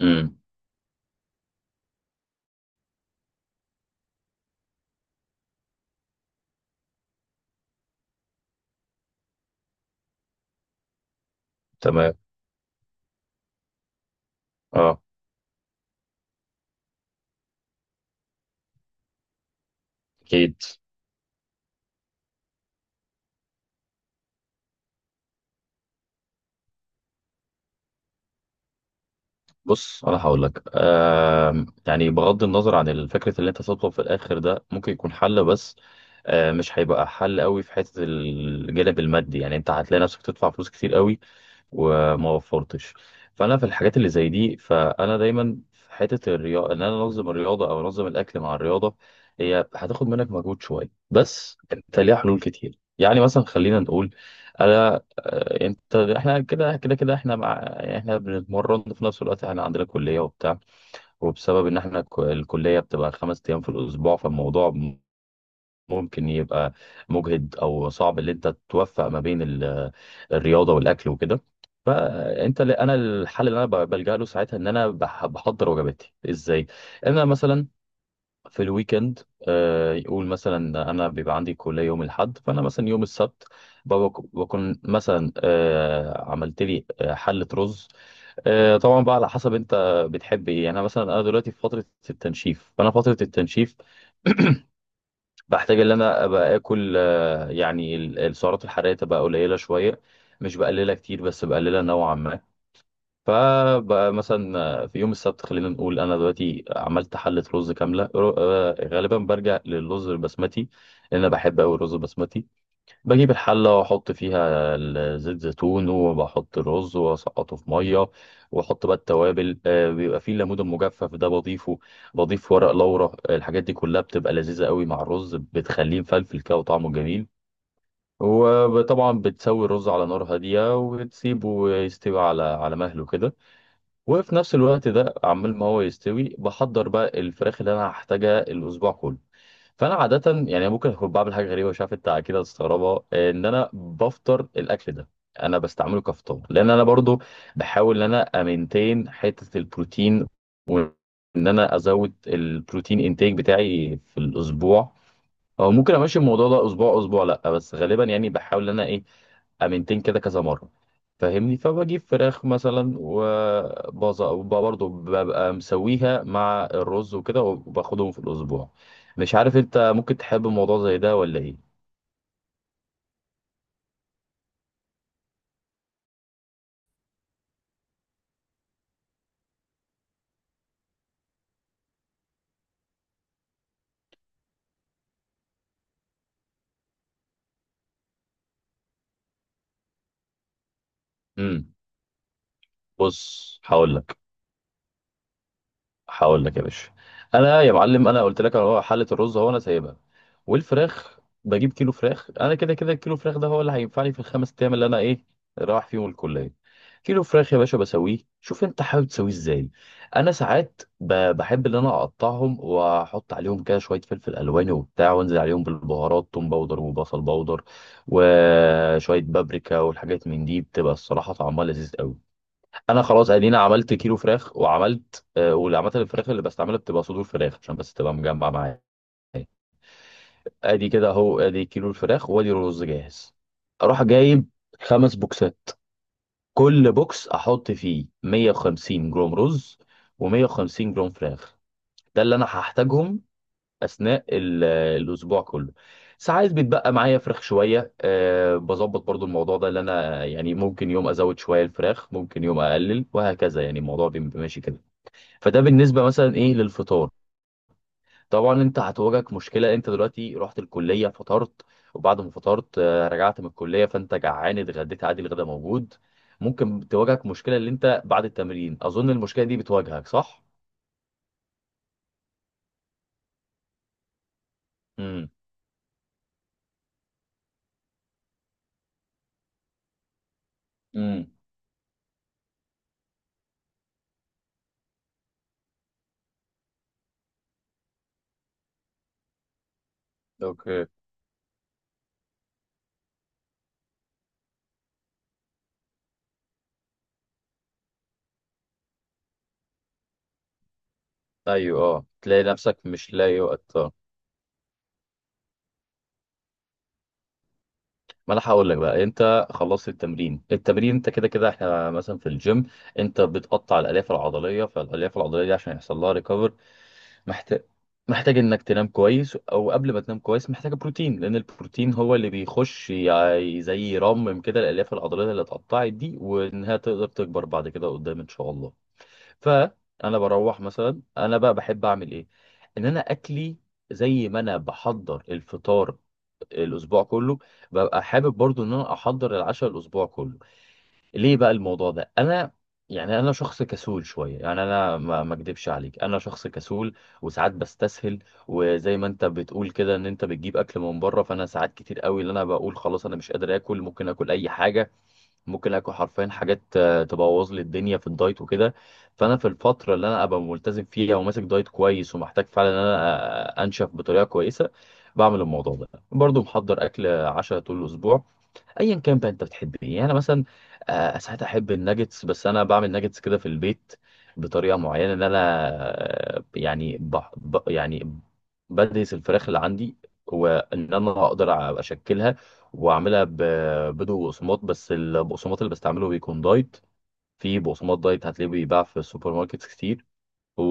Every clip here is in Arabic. امم تمام. اه اكيد. بص، انا هقول لك يعني بغض النظر عن الفكره اللي انت تطلب في الاخر ده ممكن يكون حل، بس مش هيبقى حل قوي في حته الجانب المادي. يعني انت هتلاقي نفسك تدفع فلوس كتير قوي وما وفرتش. فانا في الحاجات اللي زي دي، فانا دايما في حته الرياضه ان انا انظم الرياضه او انظم الاكل مع الرياضه. هي هتاخد منك مجهود شويه، بس انت ليها حلول كتير. يعني مثلا خلينا نقول انا آه، انت احنا كده احنا مع يعني احنا بنتمرن وفي نفس الوقت احنا عندنا كليه وبتاع. وبسبب ان احنا الكليه بتبقى خمس ايام في الاسبوع، فالموضوع ممكن يبقى مجهد او صعب اللي انت توفق ما بين الرياضه والاكل وكده. فانت اللي انا الحل اللي انا بلجأ له ساعتها ان انا بحضر وجباتي ازاي. انا مثلا في الويكند، يقول مثلا انا بيبقى عندي كليه يوم الاحد، فانا مثلا يوم السبت بكون مثلا عملت لي حله رز. طبعا بقى على حسب انت بتحب ايه. يعني انا مثلا انا دلوقتي في فتره التنشيف، فانا فتره التنشيف بحتاج ان انا ابقى اكل السعرات الحراريه تبقى قليله شويه، مش بقللها كتير بس بقللها نوعا ما. فبقى مثلا في يوم السبت، خلينا نقول انا دلوقتي عملت حله رز كامله. غالبا برجع للرز البسمتي لان انا بحب قوي الرز البسمتي. بجيب الحلة وأحط فيها زيت زيتون، وبحط الرز وأسقطه في مية، وأحط بقى التوابل. بيبقى فيه الليمون المجفف ده بضيفه، بضيف ورق لورا. الحاجات دي كلها بتبقى لذيذة قوي مع الرز، بتخليه مفلفل كده وطعمه جميل. وطبعا بتسوي الرز على نار هادية وبتسيبه يستوي على مهله كده. وفي نفس الوقت ده عمال ما هو يستوي، بحضر بقى الفراخ اللي أنا هحتاجها الأسبوع كله. فانا عاده يعني ممكن اكون بعمل حاجه غريبه، مش عارف انت اكيد هتستغربها، ان انا بفطر الاكل ده. انا بستعمله كفطار لان انا برضو بحاول ان انا امنتين حته البروتين، وان انا ازود البروتين انتاج بتاعي في الاسبوع. او ممكن امشي الموضوع ده اسبوع اسبوع، لا بس غالبا يعني بحاول ان انا ايه، امنتين كده كذا مره، فاهمني. فبجيب فراخ مثلا برضه ببقى مسويها مع الرز وكده، وباخدهم في الاسبوع. مش عارف انت ممكن تحب موضوع زي ده ولا ايه. امم بص، هقول لك يا باشا. انا يا معلم، انا قلت لك اهو حله الرز اهو انا سايبها، والفراخ بجيب كيلو فراخ. انا كده كده الكيلو فراخ ده هو اللي هينفعني في الخمس ايام اللي انا ايه، رايح فيهم الكليه. كيلو فراخ يا باشا بسويه، شوف انت حابب تسويه ازاي. انا ساعات بحب ان انا اقطعهم واحط عليهم كده شويه فلفل الواني وبتاع، وانزل عليهم بالبهارات: توم باودر وبصل باودر وشويه بابريكا. والحاجات من دي بتبقى الصراحه طعمها لذيذ قوي. انا خلاص ادينا عملت كيلو فراخ وعملت آه، واللي عملت الفراخ اللي بستعملها بتبقى صدور فراخ عشان بس تبقى مجمع معايا. ادي كده اهو، ادي كيلو الفراخ وادي الرز جاهز. اروح جايب خمس بوكسات، كل بوكس احط فيه 150 جرام رز و150 جرام فراخ. ده اللي انا هحتاجهم اثناء الاسبوع كله. ساعات بيتبقى معايا فراخ شويه، أه بظبط برضو الموضوع ده. اللي انا يعني ممكن يوم ازود شويه الفراخ، ممكن يوم اقلل، وهكذا. يعني الموضوع بيبقى ماشي كده. فده بالنسبه مثلا ايه للفطار. طبعا انت هتواجهك مشكله، انت دلوقتي رحت الكليه فطرت، وبعد ما فطرت رجعت من الكليه فانت جعان، اتغديت عادي الغدا موجود. ممكن تواجهك مشكله اللي انت بعد التمرين، اظن المشكله دي بتواجهك صح. امم امم اوكي. ايوه اه، تلاقي نفسك مش لاقي وقت. ما انا هقول لك بقى. انت خلصت التمرين، التمرين انت كده كده احنا مثلا في الجيم انت بتقطع الالياف العضليه. فالالياف العضليه دي عشان يحصل لها ريكفر محتاج، محتاج انك تنام كويس، او قبل ما تنام كويس محتاج بروتين، لان البروتين هو اللي بيخش يعني زي يرمم كده الالياف العضليه اللي اتقطعت دي، وانها تقدر تكبر بعد كده قدام ان شاء الله. فانا بروح مثلا، انا بقى بحب اعمل ايه؟ ان انا اكلي زي ما انا بحضر الفطار الاسبوع كله، ببقى حابب برضو ان انا احضر العشاء الاسبوع كله. ليه بقى الموضوع ده؟ انا يعني انا شخص كسول شويه، يعني انا ما اكدبش عليك، انا شخص كسول وساعات بستسهل. وزي ما انت بتقول كده ان انت بتجيب اكل من بره، فانا ساعات كتير قوي اللي انا بقول خلاص انا مش قادر اكل، ممكن اكل اي حاجه، ممكن اكل حرفيا حاجات تبوظ لي الدنيا في الدايت وكده. فانا في الفتره اللي انا ابقى ملتزم فيها وماسك دايت كويس ومحتاج فعلا ان انا انشف بطريقه كويسه، بعمل الموضوع ده برضو، محضر اكل عشاء طول الاسبوع. ايا كان بقى انت بتحب ايه. يعني انا مثلا ساعات احب الناجتس، بس انا بعمل ناجتس كده في البيت بطريقه معينه ان انا آه، يعني بح ب يعني بدرس الفراخ اللي عندي، وان انا اقدر اشكلها واعملها بدون بقسماط، بس البقسماط اللي بستعمله بيكون دايت. في بقسماط دايت هتلاقيه بيتباع في السوبر ماركت كتير. و...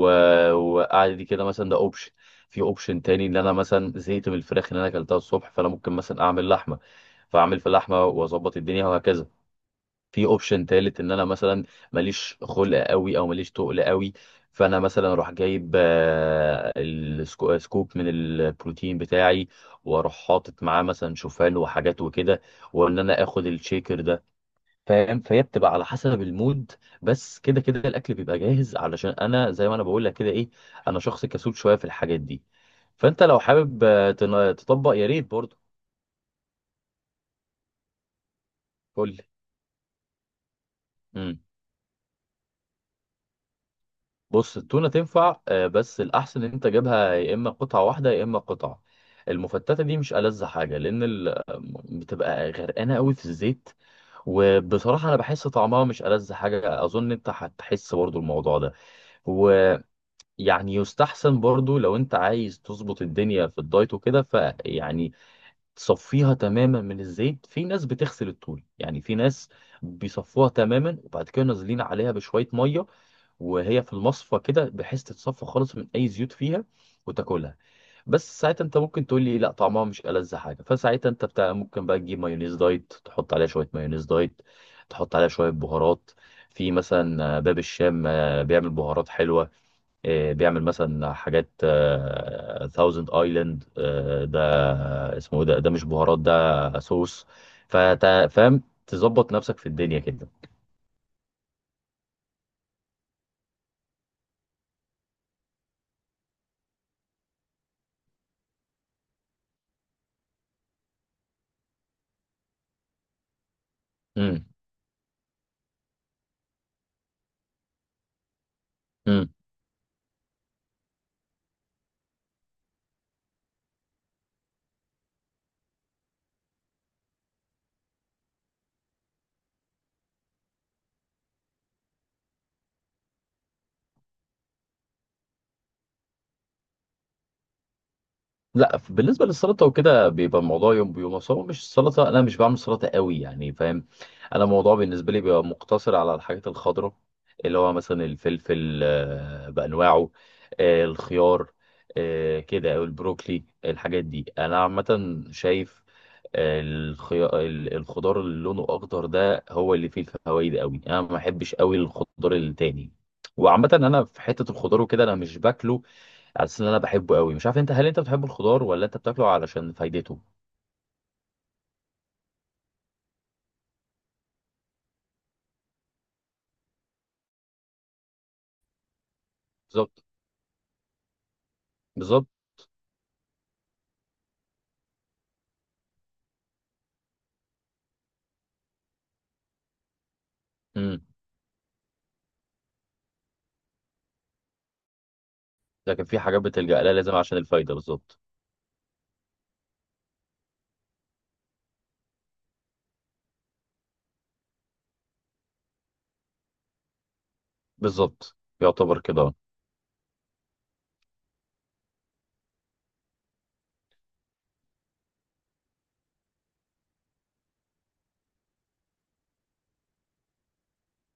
وقعد دي كده مثلا، ده اوبشن. في اوبشن تاني ان انا مثلا زهقت من الفراخ اللي انا اكلتها الصبح، فانا ممكن مثلا اعمل لحمه، فاعمل في لحمه واظبط الدنيا وهكذا. في اوبشن تالت ان انا مثلا ماليش خلق قوي او ماليش تقل قوي، فانا مثلا اروح جايب سكوب من البروتين بتاعي، واروح حاطط معاه مثلا شوفان وحاجات وكده، وان انا اخد الشيكر ده، فاهم. فهي بتبقى على حسب المود، بس كده كده الاكل بيبقى جاهز. علشان انا زي ما انا بقول لك كده ايه، انا شخص كسول شويه في الحاجات دي. فانت لو حابب تطبق يا ريت برضه. قول لي. امم بص، التونه تنفع بس الاحسن ان انت جايبها يا اما قطعه واحده يا اما قطعه. المفتته دي مش ألذ حاجه، لان بتبقى غرقانه قوي في الزيت، وبصراحه انا بحس طعمها مش ألذ حاجه، اظن انت هتحس برضه الموضوع ده. يعني يستحسن برضو لو انت عايز تظبط الدنيا في الدايت وكده، فيعني تصفيها تماما من الزيت. في ناس بتغسل الطول، يعني في ناس بيصفوها تماما وبعد كده نازلين عليها بشوية مية وهي في المصفى كده، بحيث تتصفى خالص من اي زيوت فيها وتاكلها. بس ساعتها انت ممكن تقول لي لا طعمها مش ألذ حاجة، فساعتها انت بتاع ممكن بقى تجيب مايونيز دايت، تحط عليها شوية مايونيز دايت، تحط عليها شوية بهارات. في مثلا باب الشام بيعمل بهارات حلوة، بيعمل مثلا حاجات ثاوزند ايلاند ده. اسمه إيه ده؟ ده مش بهارات، ده صوص. فاهم، تظبط نفسك في الدنيا كده. امم امم لا، بالنسبه للسلطه وكده بيبقى الموضوع يوم بيوم. أصل هو مش السلطه، انا مش بعمل سلطه قوي يعني، فاهم. انا الموضوع بالنسبه لي بيبقى مقتصر على الحاجات الخضراء، اللي هو مثلا الفلفل بانواعه، الخيار، كده، او البروكلي. الحاجات دي انا عامه شايف الخضار اللي لونه اخضر ده هو اللي فيه الفوائد قوي. انا ما بحبش قوي الخضار التاني. وعامة انا في حتة الخضار وكده انا مش باكله على اساس ان انا بحبه قوي. مش عارف انت، هل انت بتحب الخضار ولا انت بتاكله علشان فايدته؟ بالظبط. بالظبط. امم لكن في حاجات بتلجأ لها لازم عشان الفايدة. بالظبط. بالظبط، يعتبر كده.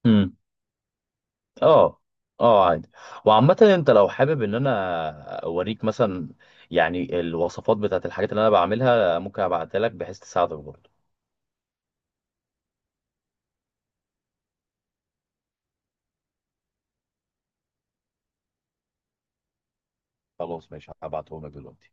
امم اه. اه عادي. وعامة انت لو حابب ان انا اوريك مثلا يعني الوصفات بتاعت الحاجات اللي انا بعملها، ممكن ابعتها لك بحيث تساعدك برضه. خلاص ماشي، هبعتهم لك دلوقتي.